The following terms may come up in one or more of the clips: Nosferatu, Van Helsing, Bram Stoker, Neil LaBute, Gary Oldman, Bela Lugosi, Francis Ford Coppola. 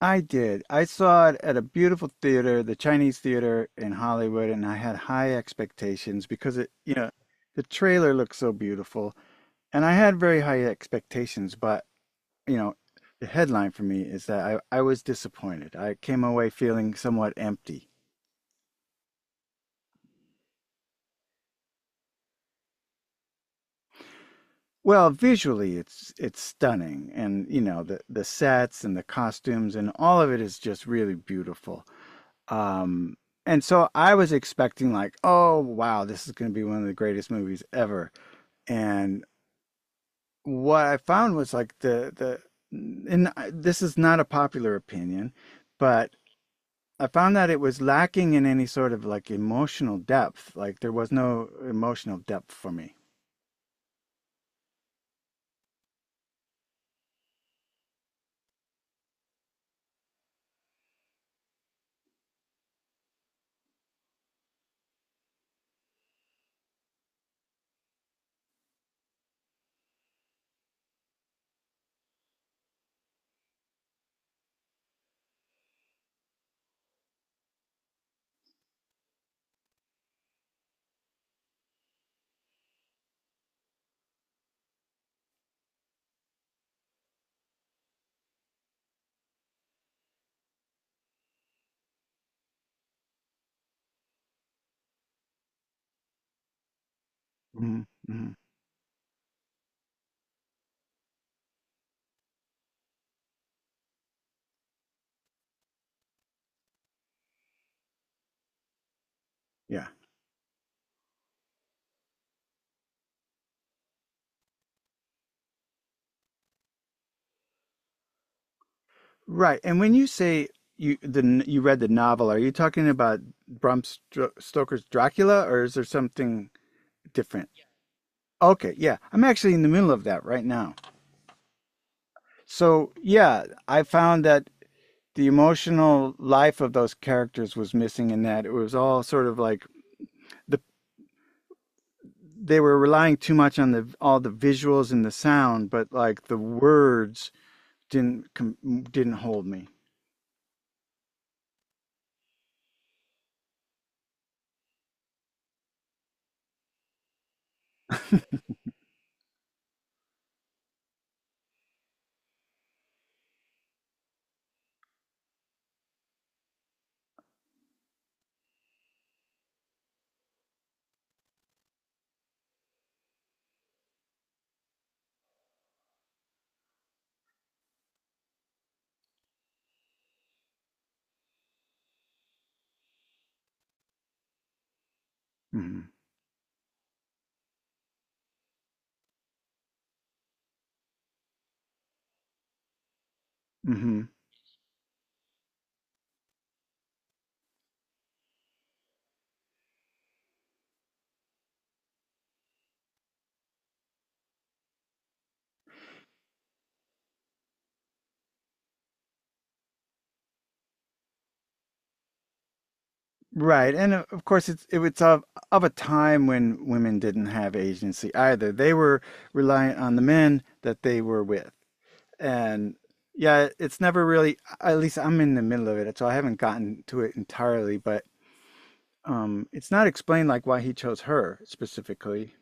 I did. I saw it at a beautiful theater, the Chinese Theater in Hollywood, and I had high expectations because the trailer looked so beautiful, and I had very high expectations, but, you know, the headline for me is that I was disappointed. I came away feeling somewhat empty. Well, visually it's stunning and, the sets and the costumes and all of it is just really beautiful. Um, and so I was expecting like, oh wow, this is going to be one of the greatest movies ever. And what I found was like the and this is not a popular opinion, but I found that it was lacking in any sort of like emotional depth. Like there was no emotional depth for me. hmm hmm Yeah. Right. And when you say you the you read the novel, are you talking about Bram Stoker's Dracula or is there something different? Okay, yeah. I'm actually in the middle of that right now. So, yeah, I found that the emotional life of those characters was missing in that. It was all sort of like the they were relying too much on the all the visuals and the sound, but like the words didn't hold me. hmm hmm Right, and of course it's of a time when women didn't have agency either. They were reliant on the men that they were with. And yeah, it's never really, at least I'm in the middle of it, so I haven't gotten to it entirely, but it's not explained like why he chose her specifically.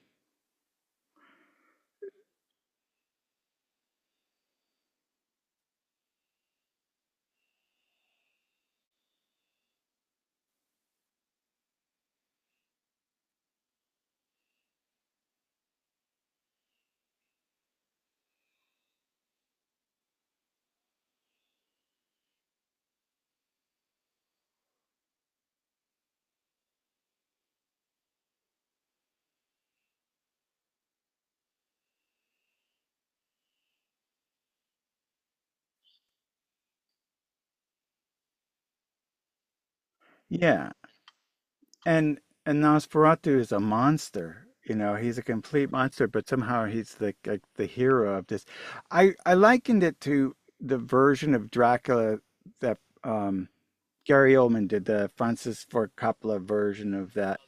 Yeah, and and Nosferatu is a monster. You know, he's a complete monster, but somehow he's the like the hero of this. I likened it to the version of Dracula that um Gary Oldman did, the Francis Ford Coppola version of that.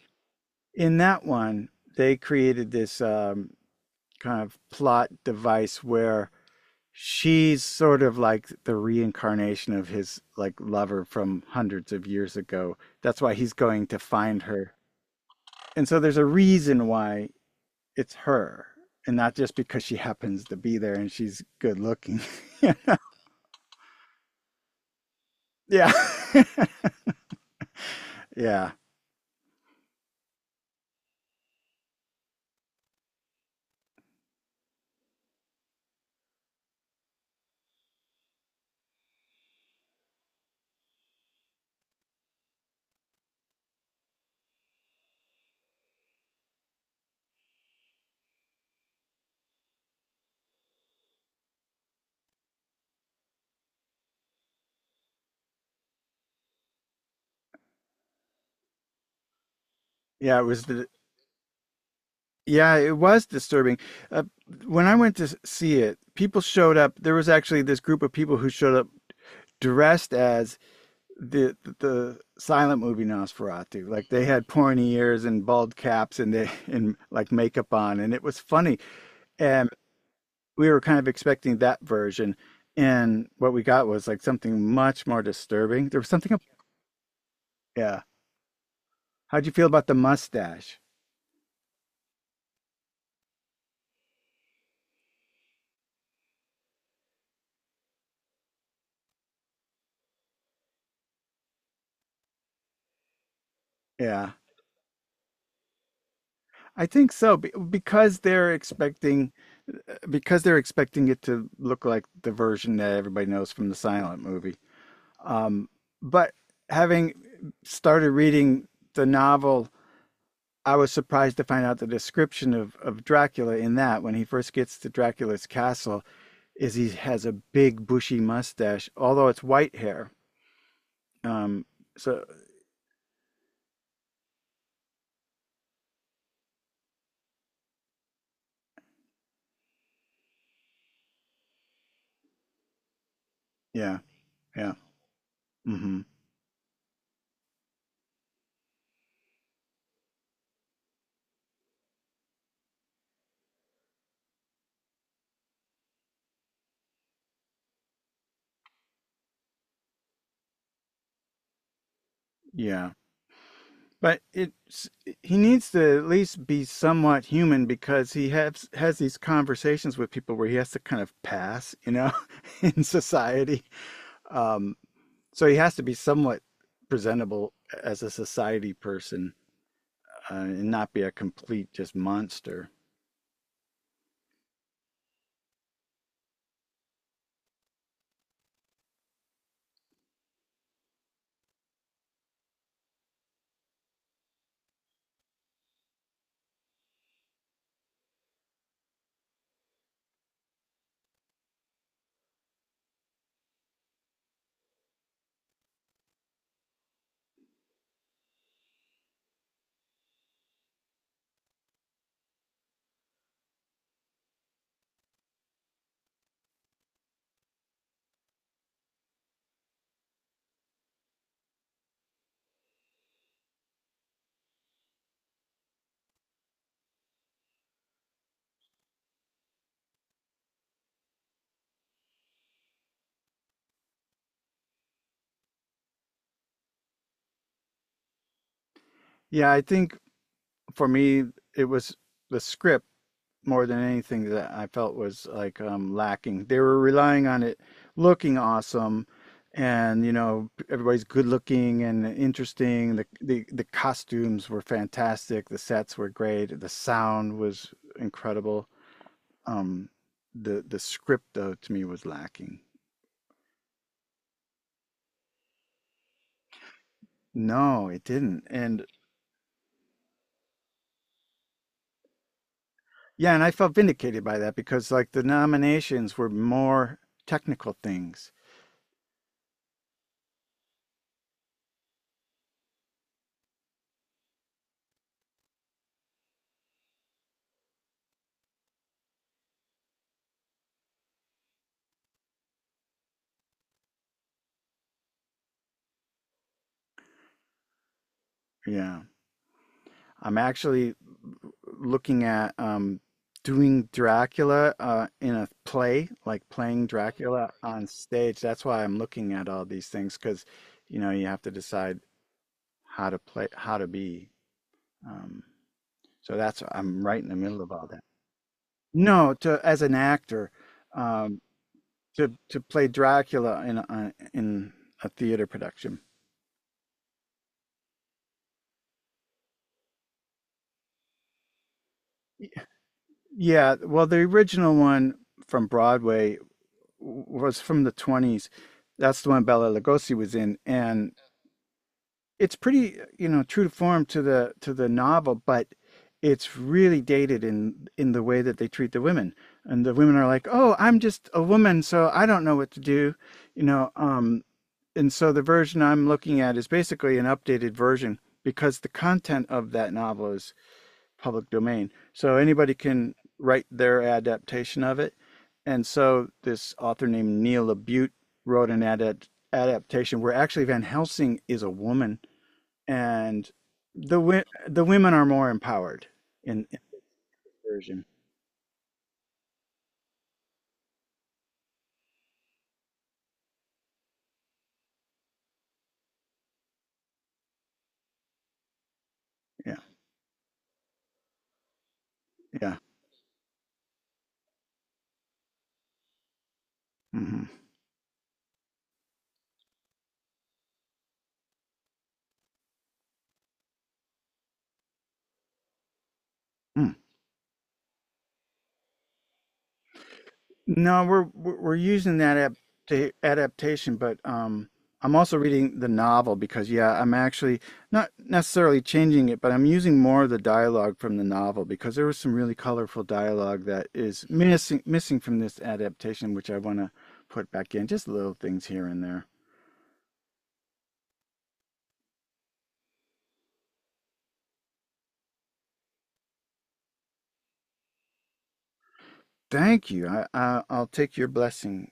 In that one, they created this kind of plot device where she's sort of like the reincarnation of his like lover from hundreds of years ago. That's why he's going to find her. And so there's a reason why it's her and not just because she happens to be there and she's good looking. Yeah. Yeah. Yeah, it was the— yeah, it was disturbing. Uh, when I went to see it, people showed up. There was actually this group of people who showed up dressed as the the silent movie Nosferatu. Like they had pointy ears and bald caps and they and like makeup on, and it was funny. And we were kind of expecting that version, and what we got was like something much more disturbing. There was something. Yeah. How'd you feel about the mustache? Yeah. I think so because they're expecting— because they're expecting it to look like the version that everybody knows from the silent movie. Um, but Having started reading the novel, I was surprised to find out the description of Dracula in that when he first gets to Dracula's castle is he has a big bushy mustache, although it's white hair. Um, so yeah, yeah, hmm yeah. But it's— he needs to at least be somewhat human because he has these conversations with people where he has to kind of pass, you know, in society. Um, so he has to be somewhat presentable as a society person and not be a complete just monster. Yeah, I think for me it was the script, more than anything, that I felt was like lacking. They were relying on it looking awesome, and you know everybody's good looking and interesting. The costumes were fantastic. The sets were great. The sound was incredible. Um, the script though to me was lacking. No, it didn't. And yeah, and I felt vindicated by that because like the nominations were more technical things. Yeah. I'm actually looking at doing Dracula in a play, like playing Dracula on stage. That's why I'm looking at all these things because, you know, you have to decide how to play, how to be. Um, so that's— I'm right in the middle of all that. No, to— as an actor, um, to play Dracula in a theater production. Yeah, well, the original one from Broadway was from the 20s. That's the one Bella Lugosi was in, and it's pretty, you know, true to form to the novel, but it's really dated in the way that they treat the women. And the women are like, "Oh, I'm just a woman, so I don't know what to do," you know. And so the version I'm looking at is basically an updated version because the content of that novel is public domain. So anybody can write their adaptation of it. And so this author named Neil Labute wrote an adaptation where actually Van Helsing is a woman, and the women are more empowered in version. Yeah, yeah. hmm No, we're using that adaptation, but I'm also reading the novel because yeah, I'm actually not necessarily changing it, but I'm using more of the dialogue from the novel because there was some really colorful dialogue that is missing from this adaptation, which I want to put back in, just little things here and there. Thank you. I'll take your blessing,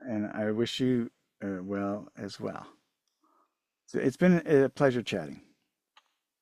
and I wish you well as well. So it's been a pleasure chatting.